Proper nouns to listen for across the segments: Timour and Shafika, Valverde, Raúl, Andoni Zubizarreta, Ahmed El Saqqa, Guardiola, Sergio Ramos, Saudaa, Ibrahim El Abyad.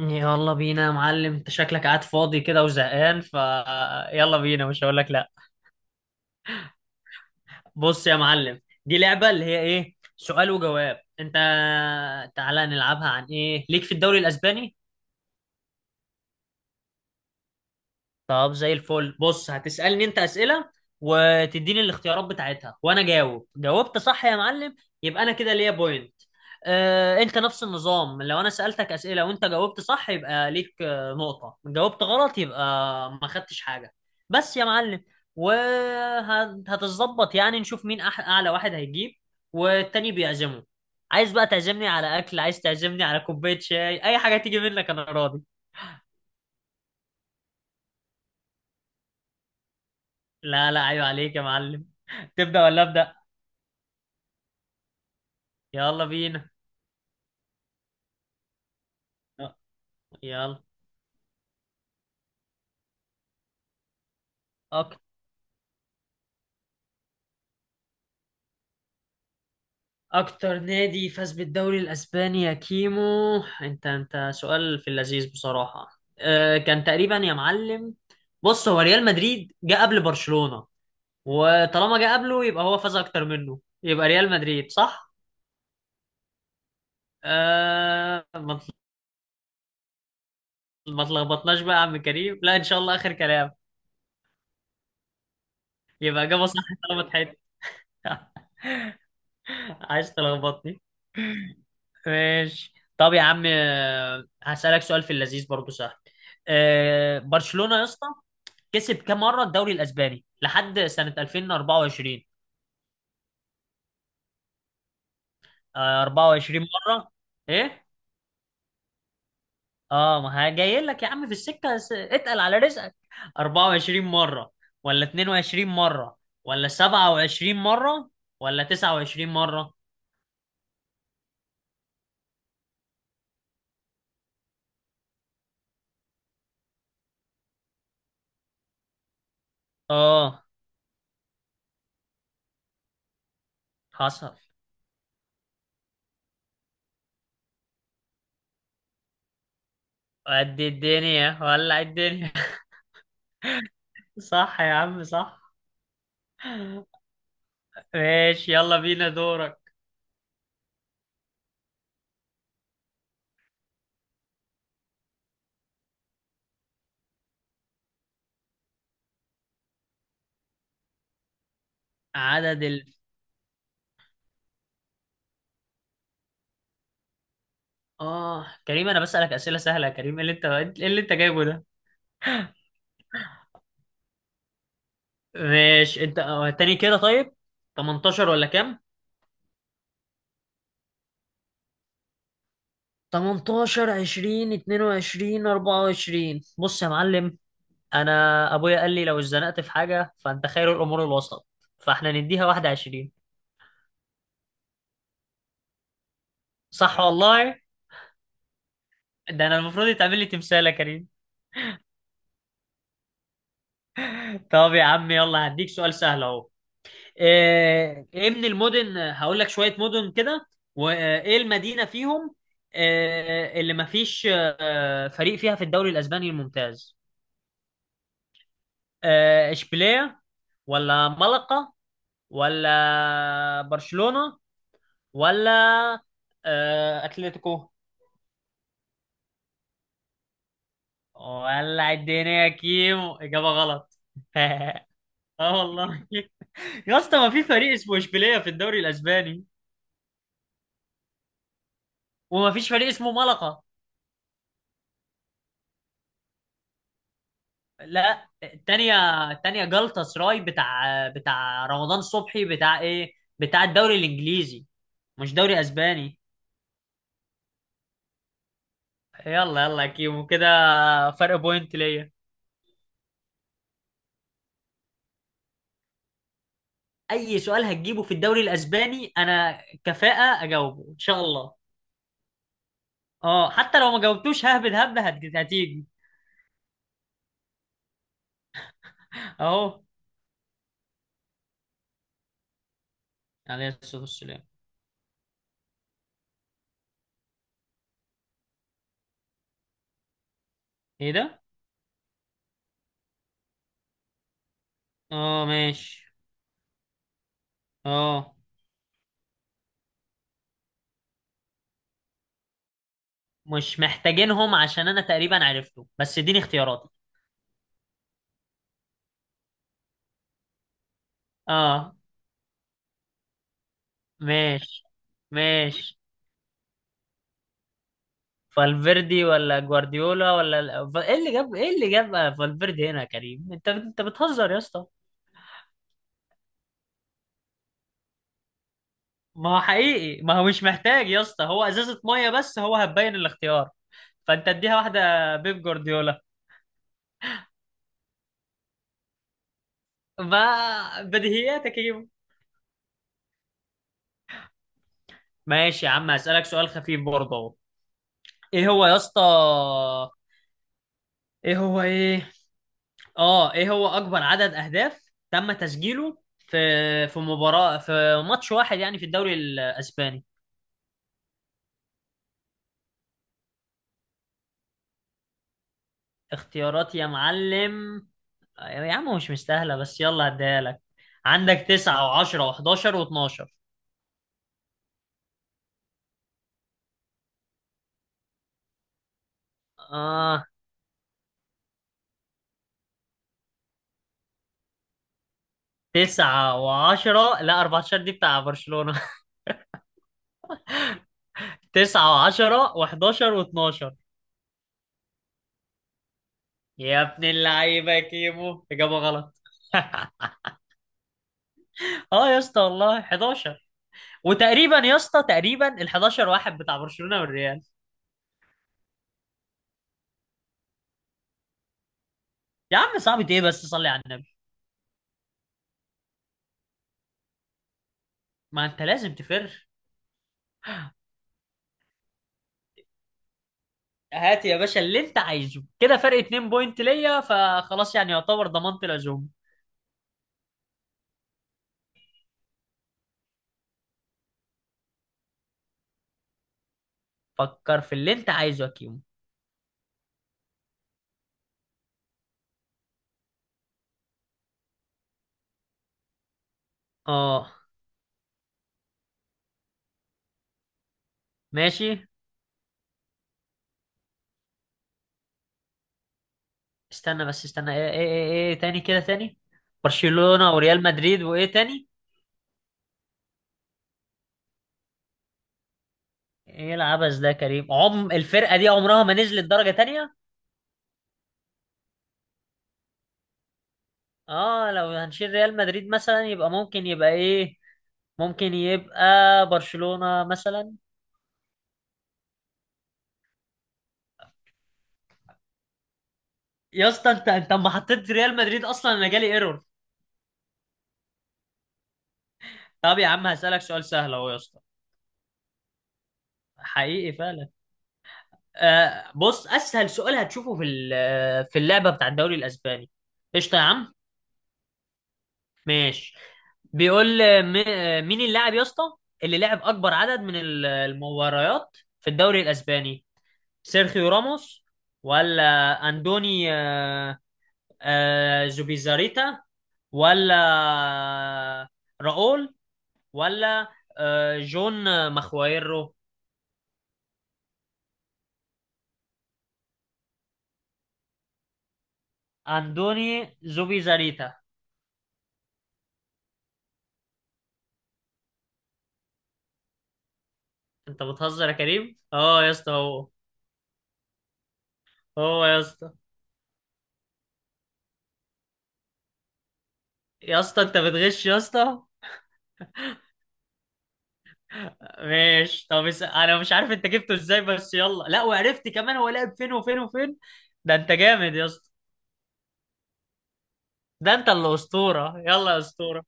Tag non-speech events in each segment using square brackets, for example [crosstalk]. يلا بينا يا معلم، انت شكلك قاعد فاضي كده وزهقان، ف يلا بينا. مش هقول لك لا. بص يا معلم، دي لعبة اللي هي ايه، سؤال وجواب. انت تعالى نلعبها عن ايه ليك في الدوري الاسباني. طب زي الفل. بص هتسألني انت أسئلة وتديني الاختيارات بتاعتها وانا جاوب. جاوبت صح يا معلم يبقى انا كده ليا بوينت. اه، انت نفس النظام. لو انا سألتك أسئلة وانت جاوبت صح يبقى ليك نقطة. جاوبت غلط يبقى ما خدتش حاجة بس يا معلم وهتظبط يعني. نشوف مين اعلى واحد هيجيب والتاني بيعزمه. عايز بقى تعزمني على اكل، عايز تعزمني على كوباية شاي، اي حاجة تيجي منك انا راضي. لا لا، ايوه عليك يا معلم. [laughs] تبدأ ولا أبدأ؟ يلا بينا. أه، يلا. أك... اكتر نادي فاز بالدوري الاسباني يا كيمو. انت سؤال في اللذيذ بصراحة. كان تقريبا يا معلم. بص هو ريال مدريد جه قبل برشلونة، وطالما جه قبله يبقى هو فاز اكتر منه، يبقى ريال مدريد صح. أه ما تل- ما تلخبطناش بقى يا عم كريم، لا ان شاء الله اخر كلام. يبقى اجابة صح. طالما اتحاد. [laughs] عايز تلخبطني. ماشي طب يا عم، هسألك سؤال في اللذيذ برضو سهل. برشلونة يا اسطى كسب كام مرة الدوري الأسباني لحد سنة 2024؟ 24 مرة. إيه؟ آه، ما جاي لك يا عم في السكة. اتقل على رزقك. 24 مرة ولا 22 مرة ولا 27 مرة ولا 29 مرة؟ آه، حصل. قد الدنيا ولع الدنيا. صح يا عم صح. ماشي يلا بينا دورك. عدد ال اه كريم انا بسألك أسئلة سهلة يا كريم. ايه اللي انت جايبه ده؟ ماشي انت، تاني كده طيب. 18 ولا كام؟ 18، 20، 22، 24. بص يا معلم، انا ابويا قال لي لو اتزنقت في حاجة فانت خير الامور الوسط، فاحنا نديها 21. صح والله. ده انا المفروض يتعمل لي تمثال يا كريم. طب يا عم يلا هديك سؤال سهل اهو. ايه من المدن، هقول لك شوية مدن كده وايه المدينة فيهم اللي مفيش فريق فيها في الدوري الاسباني الممتاز. اشبيلية ولا ملقا ولا برشلونة ولا اتلتيكو؟ ولا الدنيا يا كيمو، اجابة غلط. [laughs] اه والله. يا اسطى ما في فريق اسمه اشبيلية في الدوري الاسباني، وما فيش فريق اسمه ملقا. لا التانية. التانية جلطة سراي بتاع رمضان صبحي، بتاع ايه، بتاع الدوري الانجليزي مش دوري اسباني. يلا يلا يا كيمو كده. فرق بوينت ليا. اي سؤال هتجيبه في الدوري الاسباني انا كفاءة اجاوبه ان شاء الله. اه، حتى لو ما جاوبتوش ههبد هبدة هتيجي. اهو. عليه الصلاة والسلام. ايه ده. اه ماشي. اه، مش محتاجينهم عشان انا تقريبا عرفته بس اديني اختياراتي. اه ماشي ماشي. فالفيردي ولا جوارديولا ولا ايه اللي جاب، فالفيردي هنا يا كريم؟ انت بتهزر يا اسطى. ما هو حقيقي، ما هو مش محتاج يا اسطى، هو ازازة مية بس هو هتبين الاختيار. فانت اديها واحدة بيب جوارديولا. ما بديهياتك يا كريم. ماشي يا عم هسألك سؤال خفيف برضه اهو. ايه هو يا اسطى؟ ايه هو ايه؟ اه، ايه هو اكبر عدد اهداف تم تسجيله في مباراة، في ماتش واحد يعني، في الدوري الاسباني. اختيارات يا معلم. يا عم مش مستاهلة بس يلا هديها لك. عندك تسعة وعشرة وحداشر واتناشر. آه، تسعة وعشرة. لا 14 دي بتاع برشلونة. [laughs] تسعة وعشرة وحداشر واتناشر. يا ابن اللعيبة يا كيمو، إجابة غلط. اه يا اسطى والله 11. وتقريبا يا اسطى تقريبا ال 11 واحد بتاع برشلونة والريال. يا عم صعب ايه بس، صلي على النبي. ما انت لازم تفر. هات يا باشا اللي انت عايزه كده، فرق 2 بوينت ليا، فخلاص يعني يعتبر ضمنت العزوم. فكر في اللي انت عايزه يا كيمو. اه ماشي. استنى بس استنى، ايه ايه ايه، ايه ايه تاني كده تاني. برشلونة وريال مدريد وايه تاني؟ ايه العبث ده يا كريم، عم الفرقة دي عمرها ما نزلت درجة تانية. اه، لو هنشيل ريال مدريد مثلا يبقى ممكن يبقى ايه، ممكن يبقى برشلونة مثلا. يا اسطى، انت اما حطيت ريال مدريد اصلا انا جالي ايرور. طب يا عم هسألك سؤال سهل اهو يا اسطى. حقيقي فعلا. آه بص اسهل سؤال هتشوفه في في اللعبه بتاع الدوري الاسباني. قشطه يا عم. ماشي. بيقول مين اللاعب يا اسطى اللي لعب اكبر عدد من المباريات في الدوري الاسباني؟ سيرخيو راموس ولا اندوني زوبيزاريتا ولا آه، راؤول ولا جون مخوايرو؟ اندوني زوبيزاريتا. انت بتهزر يا كريم، اه يا اسطى هو. هو يا اسطى. يا اسطى انت بتغش يا اسطى. ماشي طب انا مش عارف انت جبته ازاي بس يلا لا، وعرفت كمان هو لعب فين وفين وفين. ده انت جامد يا اسطى. ده انت اللي اسطوره، يلا يا اسطوره.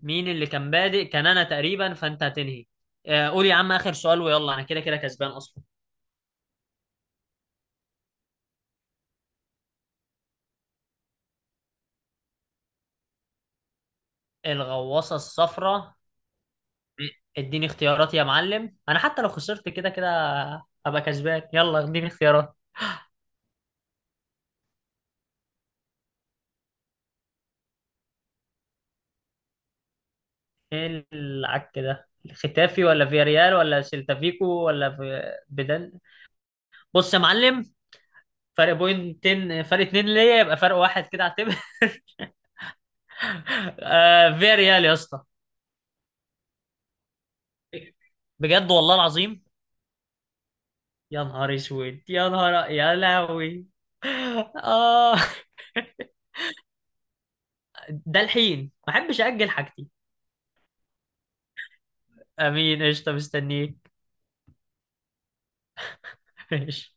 مين اللي كان بادئ؟ كان انا تقريبا فانت هتنهي. قول يا عم اخر سؤال ويلا انا كده كده كسبان اصلا. الغواصه الصفراء. اديني اختيارات يا معلم، انا حتى لو خسرت كده كده هبقى كسبان. يلا اديني اختيارات. ايه العك ده، ختافي ولا فياريال ولا سيلتا فيكو ولا في بدن. بص يا معلم، فرق بوينتين، فرق اتنين ليا، يبقى فرق واحد كده اعتبر. [laughs] آه، فياريال يا اسطى. بجد والله العظيم. يا نهار اسود يا نهار يا لهوي. اه. [laughs] ده الحين ما احبش اجل حاجتي. امين، قشطه، مستنيك. [laughs] ماشي.